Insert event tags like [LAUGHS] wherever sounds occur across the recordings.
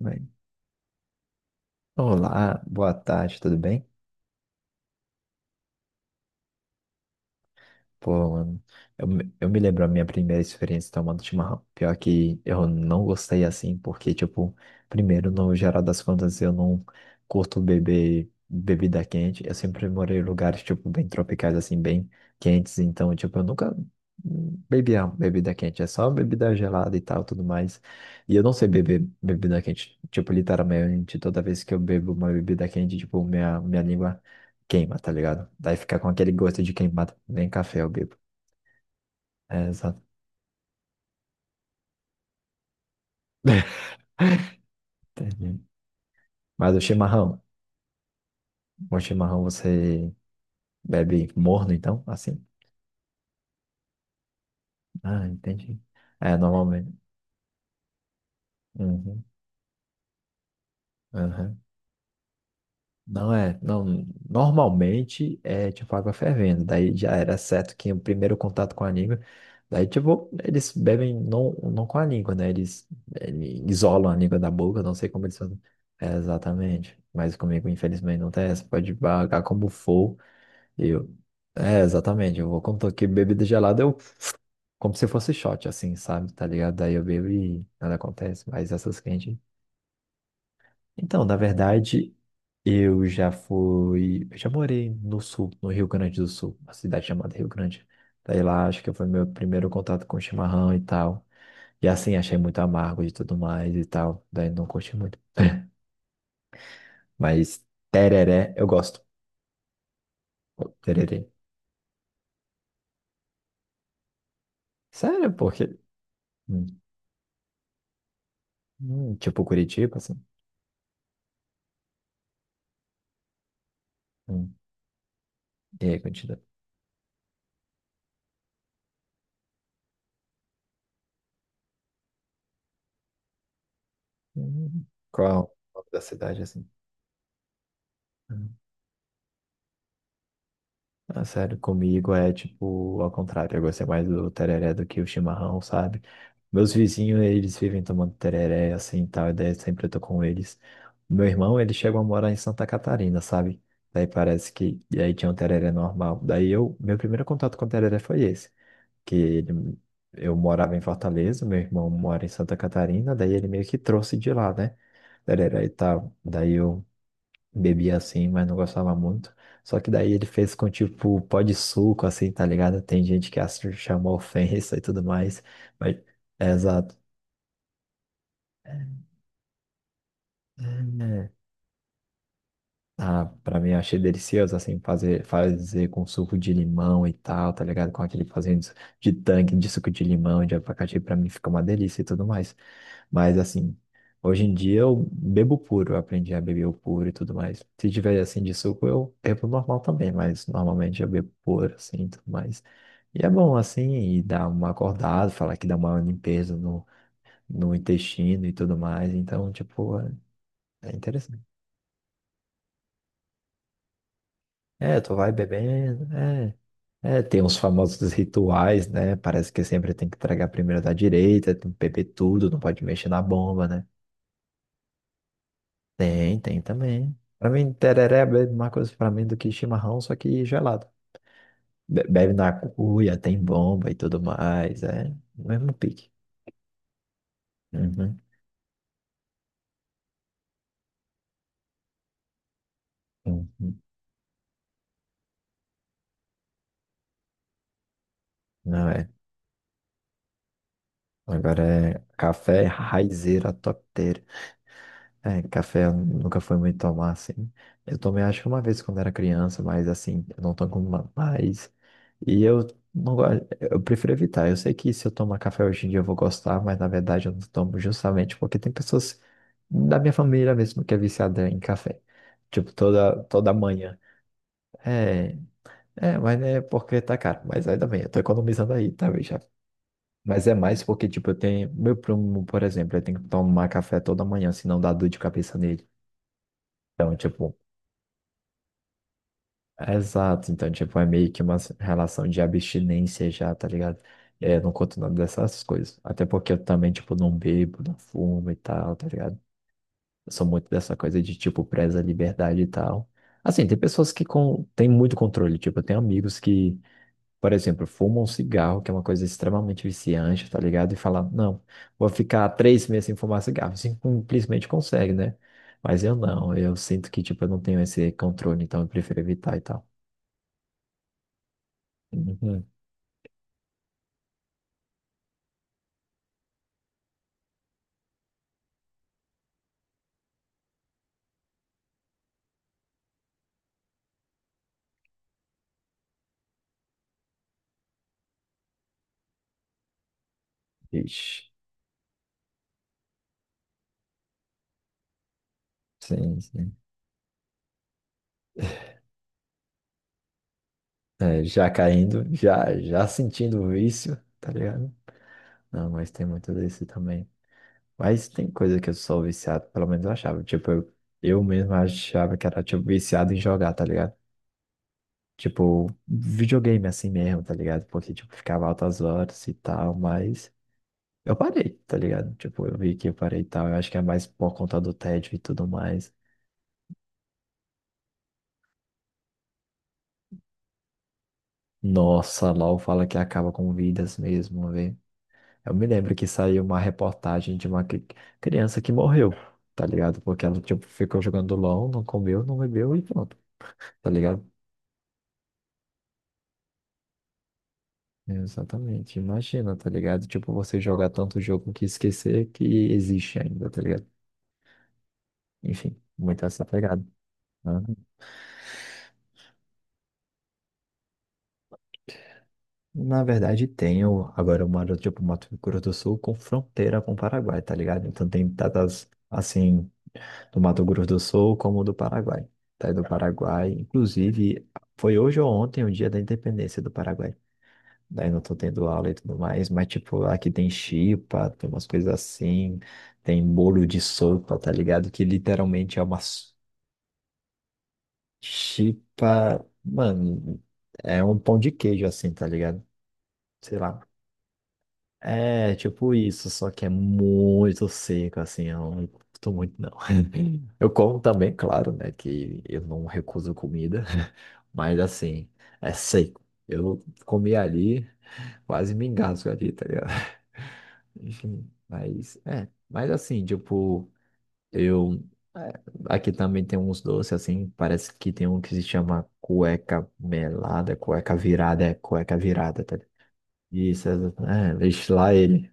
Bem, olá, boa tarde, tudo bem? Pô, mano, eu me lembro a minha primeira experiência tomando chimarrão. Pior que eu não gostei assim, porque, tipo, primeiro, no geral das contas, eu não curto beber bebida quente. Eu sempre morei em lugares, tipo, bem tropicais, assim, bem quentes. Então, tipo, eu nunca bebia bebida quente. É só bebida gelada e tal, tudo mais. E eu não sei beber bebida quente. Tipo, literalmente, toda vez que eu bebo uma bebida quente, tipo, minha língua queima, tá ligado? Daí fica com aquele gosto de queimado. Nem café eu bebo. É, exato. [LAUGHS] Entendi. Mas o chimarrão você bebe morno, então? Assim? Ah, entendi. É, normalmente. Uhum, uhum. Não é, não, normalmente é tipo água fervendo, daí já era certo que o primeiro contato com a língua, daí tipo, eles bebem não, não com a língua, né? Eles isolam a língua da boca, não sei como eles fazem. É, exatamente, mas comigo infelizmente não tem essa, pode pagar como for, eu, é, exatamente, eu vou, como tô aqui bebida gelada, como se fosse shot, assim, sabe, tá ligado? Daí eu bebo e nada acontece, mas essas quentes então, na verdade, eu já fui. Eu já morei no sul, no Rio Grande do Sul, uma cidade chamada Rio Grande. Daí lá, acho que foi meu primeiro contato com chimarrão e tal. E assim, achei muito amargo e tudo mais e tal. Daí não curti muito. [LAUGHS] Mas tereré, eu gosto. Pô, tereré. Sério, porque. Hum, tipo Curitiba, assim. Hum. E aí, Curitiba? Hum. Qual é o nome da cidade, assim? Hum. Ah, sério, comigo é tipo ao contrário. Eu gostei mais do tereré do que o chimarrão, sabe? Meus vizinhos, eles vivem tomando tereré, assim, e tal, e daí sempre eu tô com eles. Meu irmão, ele chegou a morar em Santa Catarina, sabe? Daí e aí tinha um tereré normal. Meu primeiro contato com o tereré foi esse. Que ele... eu morava em Fortaleza, meu irmão mora em Santa Catarina, daí ele meio que trouxe de lá, né? Tereré e tal. Bebia assim, mas não gostava muito. Só que daí ele fez com tipo pó de suco, assim, tá ligado? Tem gente que chamou ofensa e tudo mais. Mas, é, exato. É, ah, pra mim eu achei delicioso, assim, fazer com suco de limão e tal, tá ligado? Com aquele fazendo de tanque de suco de limão, de abacaxi, pra mim fica uma delícia e tudo mais. Mas, assim, hoje em dia eu bebo puro, eu aprendi a beber o puro e tudo mais. Se tiver, assim, de suco, eu bebo normal também, mas normalmente eu bebo puro, assim, e tudo mais. E é bom, assim, e dá uma acordada, falar que dá uma limpeza no intestino e tudo mais, então, tipo, é interessante. É, tu vai bebendo, é. É, tem uns famosos rituais, né? Parece que sempre tem que tragar primeiro da direita, tem que beber tudo, não pode mexer na bomba, né? Tem, tem também. Pra mim, tereré é a mesma coisa pra mim do que chimarrão, só que gelado. Bebe na cuia, tem bomba e tudo mais, é o mesmo pique. Uhum, uhum. Não é. Agora é café raizeira top. É, café eu nunca foi muito tomar, assim. Eu tomei acho que uma vez quando era criança, mas assim, eu não tomo mais. E eu não gosto, eu prefiro evitar. Eu sei que se eu tomar café hoje em dia eu vou gostar, mas na verdade eu não tomo justamente porque tem pessoas da minha família mesmo que é viciada em café. Tipo, toda manhã. É, é, mas né, porque tá caro. Mas ainda bem, eu tô economizando aí, tá, já. Mas é mais porque, tipo, eu tenho. Meu primo, por exemplo, ele tem que tomar café toda manhã, senão dá dor de cabeça nele. Então, tipo, é, exato, então, tipo, é meio que uma relação de abstinência já, tá ligado? É, não conto nada dessas coisas. Até porque eu também, tipo, não bebo, não fumo e tal, tá ligado? Eu sou muito dessa coisa de, tipo, preza a liberdade e tal. Assim, tem pessoas que têm muito controle, tipo, eu tenho amigos que, por exemplo, fumam um cigarro, que é uma coisa extremamente viciante, tá ligado? E falam, não, vou ficar 3 meses sem fumar cigarro. Assim, simplesmente consegue, né? Mas eu não, eu sinto que, tipo, eu não tenho esse controle, então eu prefiro evitar e tal. Uhum. Ixi, sim, sim. É, já caindo, já, já sentindo o vício, tá ligado? Não, mas tem muito desse também. Mas tem coisa que eu sou viciado, pelo menos eu achava. Tipo, eu mesmo achava que era, tipo, viciado em jogar, tá ligado? Tipo, videogame assim mesmo, tá ligado? Porque, tipo, ficava altas horas e tal, mas eu parei, tá ligado? Tipo, eu vi que eu parei e tal. Eu acho que é mais por conta do tédio e tudo mais. Nossa, LOL fala que acaba com vidas mesmo, velho. Eu me lembro que saiu uma reportagem de uma criança que morreu, tá ligado? Porque ela, tipo, ficou jogando LOL, não comeu, não bebeu e pronto, tá ligado? Exatamente, imagina, tá ligado? Tipo, você jogar tanto jogo que esquecer que existe ainda, tá ligado? Enfim, muito essa pegada, né? Na verdade, tenho. Agora eu moro, tipo, Mato Grosso do Sul com fronteira com o Paraguai, tá ligado? Então tem datas, assim, do Mato Grosso do Sul como do Paraguai. Daí do Paraguai, inclusive, foi hoje ou ontem o dia da independência do Paraguai. Daí não tô tendo aula e tudo mais, mas tipo, aqui tem chipa, tem umas coisas assim, tem bolo de sopa, tá ligado? Que literalmente é uma chipa, mano, é um pão de queijo assim, tá ligado? Sei lá. É, tipo isso, só que é muito seco, assim, eu não curto muito, não. [LAUGHS] Eu como também, claro, né, que eu não recuso comida, [LAUGHS] mas assim, é seco. Eu comi ali, quase me engasgo ali, tá ligado? [LAUGHS] Enfim, mas, é, mas assim, tipo, eu... é, aqui também tem uns doces, assim, parece que tem um que se chama cueca melada, cueca virada, é cueca virada, tá ligado? Isso, é, é, deixa lá ele.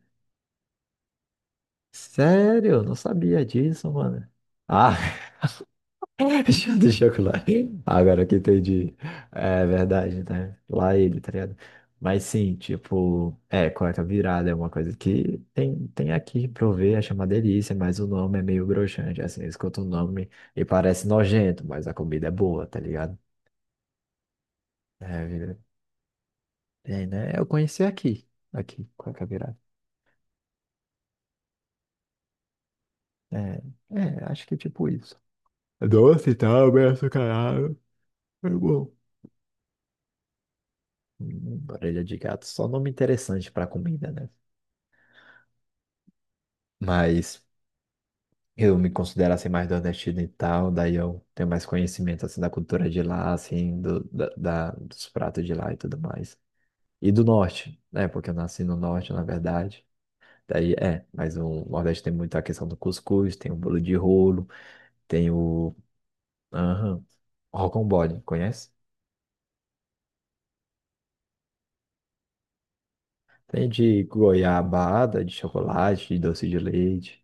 Sério? Não sabia disso, mano. Ah, [LAUGHS] deixa eu lá. Agora que entendi. É verdade, né? Lá ele, tá ligado? Mas sim, tipo, é, cueca virada é uma coisa que tem, aqui pra eu ver, é uma delícia, mas o nome é meio broxante, assim, escuta o nome e parece nojento, mas a comida é boa, tá ligado? É, tem, né? Eu conheci aqui, cueca virada. É, é, acho que tipo isso. Doce e tal, bem açucarado. É bom. Orelha de gato, só nome interessante para comida, né? Mas eu me considero assim mais do nordestino e tal, daí eu tenho mais conhecimento assim da cultura de lá, assim, dos pratos de lá e tudo mais. E do norte, né? Porque eu nasci no norte, na verdade. Daí é, mas o Nordeste tem muito a questão do cuscuz, tem o bolo de rolo, tem o. aham, rocambole, conhece? Tem de goiabada, de chocolate, de doce de leite.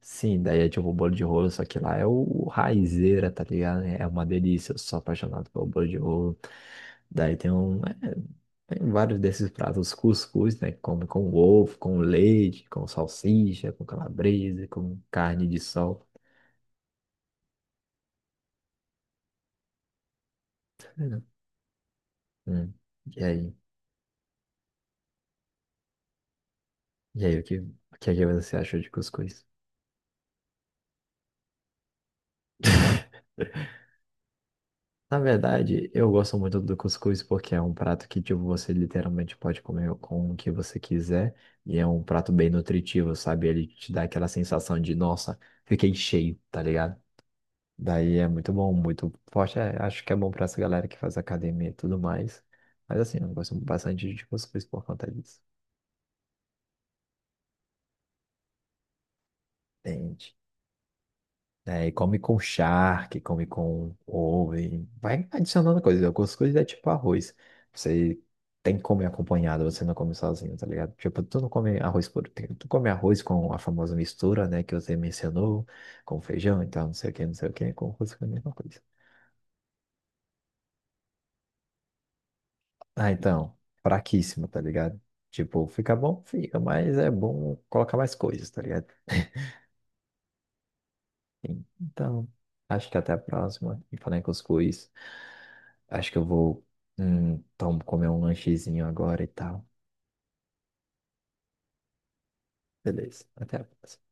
Sim, daí é tipo o bolo de rolo, só que lá é o raizeira, tá ligado? É uma delícia, eu sou apaixonado pelo bolo de rolo. Daí tem um. É, Tem vários desses pratos, cuscuz, né? Que come com ovo, com leite, com salsicha, com calabresa, com carne de sol. Hum. E aí? E aí, o que é que você achou de cuscuz? Na verdade, eu gosto muito do cuscuz porque é um prato que, tipo, você literalmente pode comer com o que você quiser e é um prato bem nutritivo, sabe? Ele te dá aquela sensação de, nossa, fiquei cheio, tá ligado? Daí é muito bom, muito forte. É, acho que é bom pra essa galera que faz academia e tudo mais. Mas assim, eu gosto bastante de cuscuz por conta disso. Entende? É, e come com charque, come com ovo, e vai adicionando coisas. Algumas coisas é tipo arroz. Você tem que comer acompanhado, você não come sozinho, tá ligado? Tipo, tu não come arroz por tempo. Tu come arroz com a famosa mistura, né, que você mencionou, com feijão, então não sei o que, não sei o que, com arroz com a mesma coisa. Ah, então, fraquíssimo, tá ligado? Tipo, fica bom? Fica, mas é bom colocar mais coisas, tá ligado? Então, acho que até a próxima. E falar em cuscuz. Acho que eu vou, comer um lanchezinho agora e tal. Beleza, até a próxima.